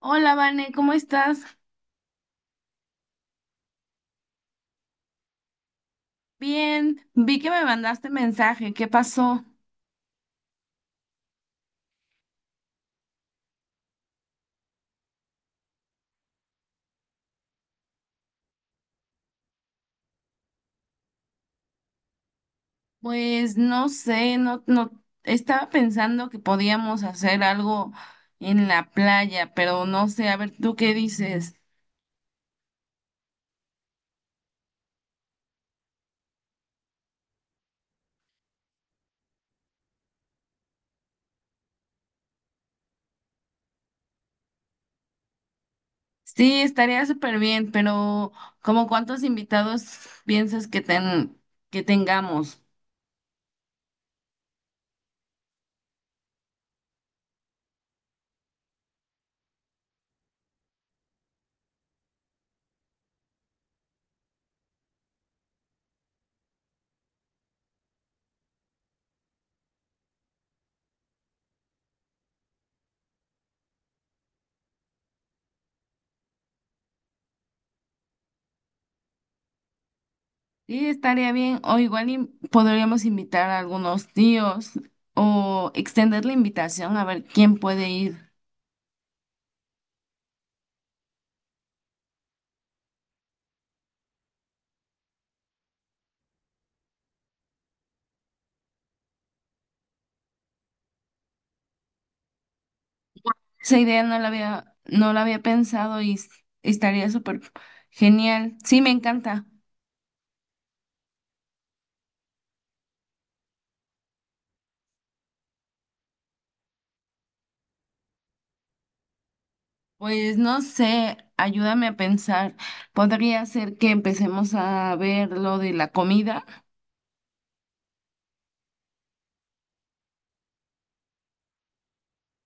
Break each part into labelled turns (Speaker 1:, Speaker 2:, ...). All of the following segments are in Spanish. Speaker 1: Hola, Vane, ¿cómo estás? Bien, vi que me mandaste mensaje, ¿qué pasó? Pues no sé, no, no, estaba pensando que podíamos hacer algo en la playa, pero no sé, a ver, ¿tú qué dices? Sí, estaría súper bien, pero ¿como cuántos invitados piensas que que tengamos? Sí, estaría bien, o igual y podríamos invitar a algunos tíos o extender la invitación a ver quién puede ir. Esa idea no la había pensado estaría súper genial. Sí, me encanta. Pues no sé, ayúdame a pensar. ¿Podría ser que empecemos a ver lo de la comida?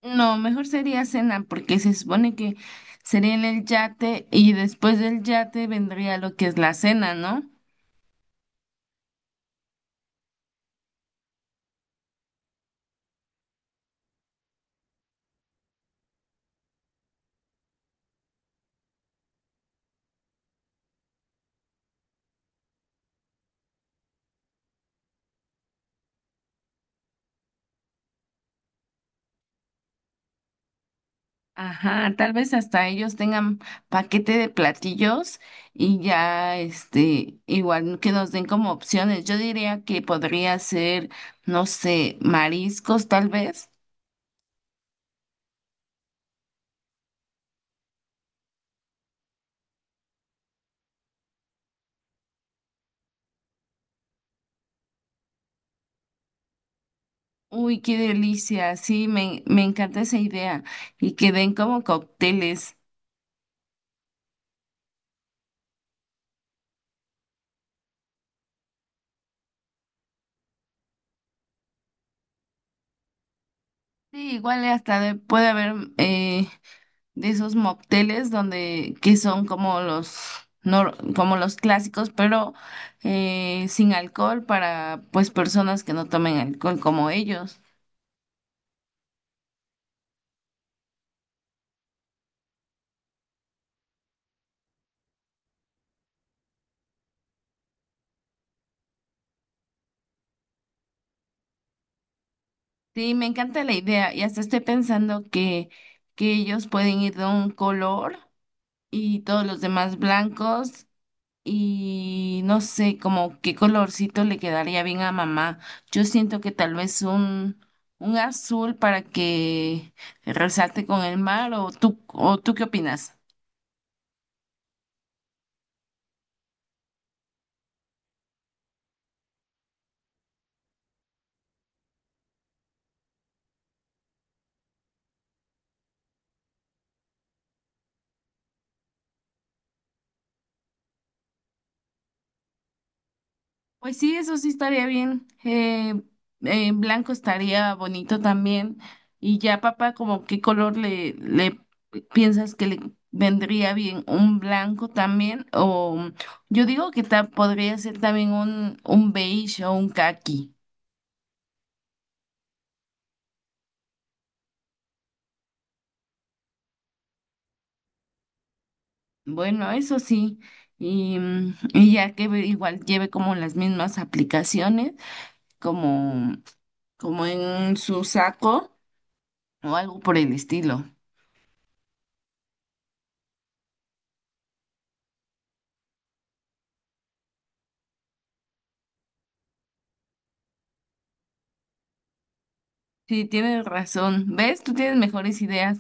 Speaker 1: No, mejor sería cena, porque se supone que sería en el yate y después del yate vendría lo que es la cena, ¿no? Ajá, tal vez hasta ellos tengan paquete de platillos y ya, este, igual que nos den como opciones. Yo diría que podría ser, no sé, mariscos tal vez. Uy, qué delicia, sí, me encanta esa idea. Y que den como cócteles. Sí, igual hasta puede haber, de esos mocteles donde que son como los como los clásicos, pero sin alcohol para pues personas que no tomen alcohol como ellos. Sí, me encanta la idea y hasta estoy pensando que ellos pueden ir de un color y todos los demás blancos. Y no sé, como qué colorcito le quedaría bien a mamá. Yo siento que tal vez un azul para que resalte con el mar, o tú qué opinas. Pues sí, eso sí estaría bien. Blanco estaría bonito también. Y ya, papá, como qué color le piensas que le vendría bien, un blanco también, o yo digo que podría ser también un beige o un caqui. Bueno, eso sí, y, y ya que igual lleve como las mismas aplicaciones, como, como en su saco o algo por el estilo. Sí, tienes razón. ¿Ves? Tú tienes mejores ideas.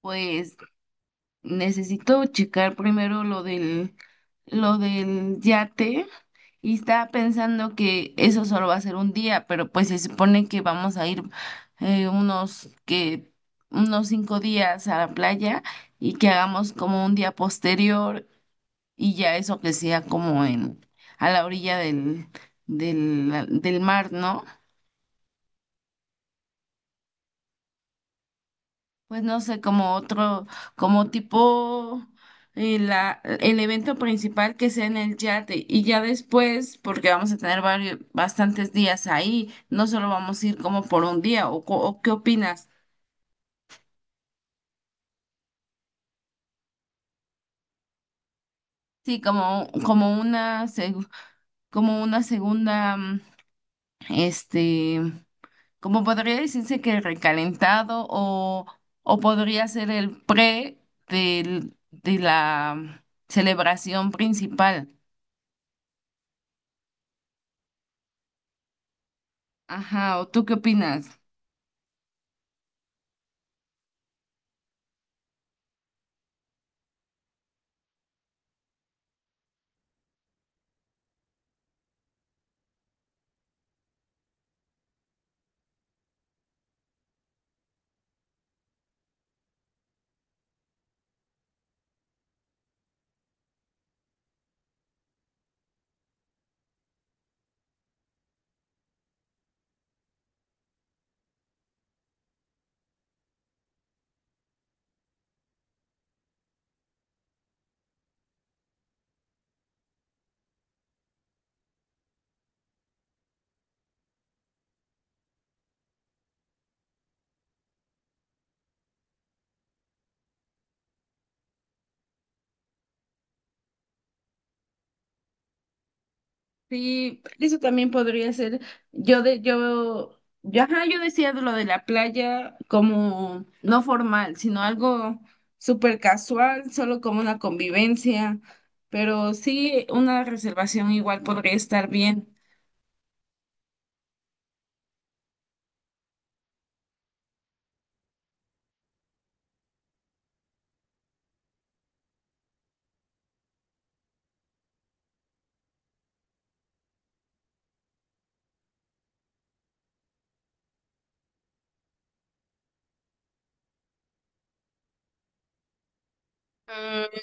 Speaker 1: Pues necesito checar primero lo del yate. Y estaba pensando que eso solo va a ser un día, pero pues se supone que vamos a ir eh, unos que unos 5 días a la playa y que hagamos como un día posterior y ya eso que sea como en a la orilla del mar, ¿no? Pues no sé, como otro, como tipo el evento principal que sea en el yate y ya después, porque vamos a tener bastantes días ahí, no solo vamos a ir como por un día, o, o ¿qué opinas? Sí, como una, como una segunda, este, como podría decirse que recalentado o podría ser el pre de la celebración principal. Ajá, ¿o tú qué opinas? Sí, eso también podría ser. Yo, ajá, yo decía de lo de la playa como no formal, sino algo súper casual, solo como una convivencia. Pero sí, una reservación igual podría estar bien. Mm,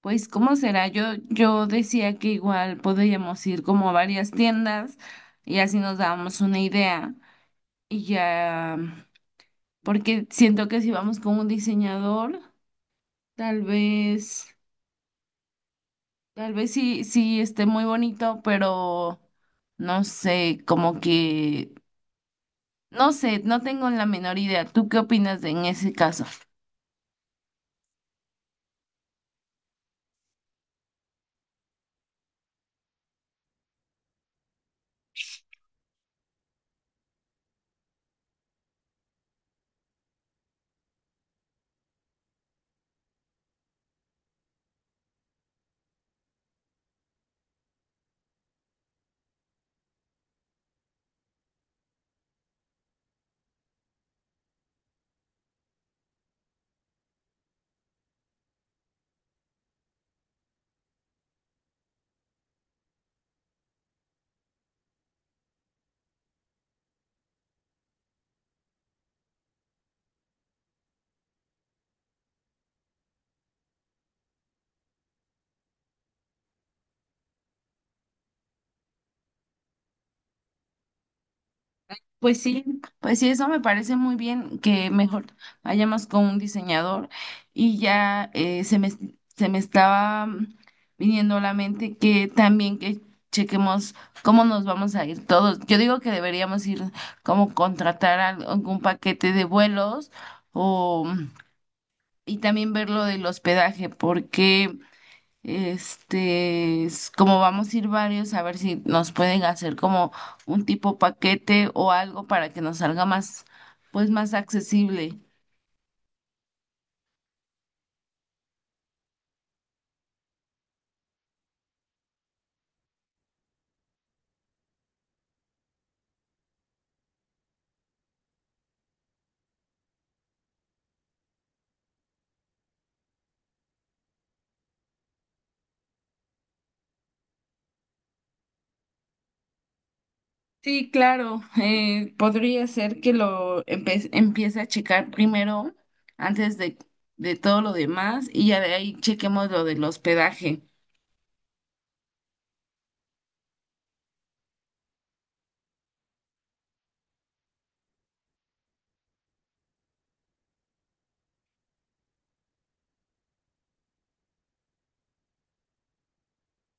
Speaker 1: pues, ¿cómo será? Yo decía que igual podríamos ir como a varias tiendas y así nos dábamos una idea. Y ya, porque siento que si vamos con un diseñador. Tal vez, tal vez sí esté muy bonito, pero no sé, no sé, no tengo la menor idea. ¿Tú qué opinas en ese caso? Pues sí, pues sí, eso me parece muy bien que mejor vayamos con un diseñador y ya se me estaba viniendo a la mente que también que chequemos cómo nos vamos a ir todos. Yo digo que deberíamos ir como contratar algún paquete de vuelos o y también ver lo del hospedaje porque este, es como vamos a ir varios, a ver si nos pueden hacer como un tipo paquete o algo para que nos salga más, pues más accesible. Sí, claro, podría ser que lo empiece a checar primero antes de todo lo demás y ya de ahí chequemos lo del hospedaje.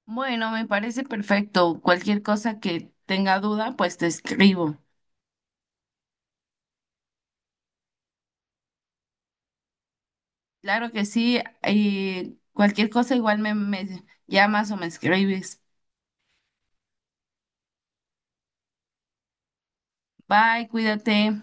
Speaker 1: Bueno, me parece perfecto. Cualquier cosa que tenga duda, pues te escribo. Claro que sí, y cualquier cosa igual me llamas o me escribes. Bye, cuídate.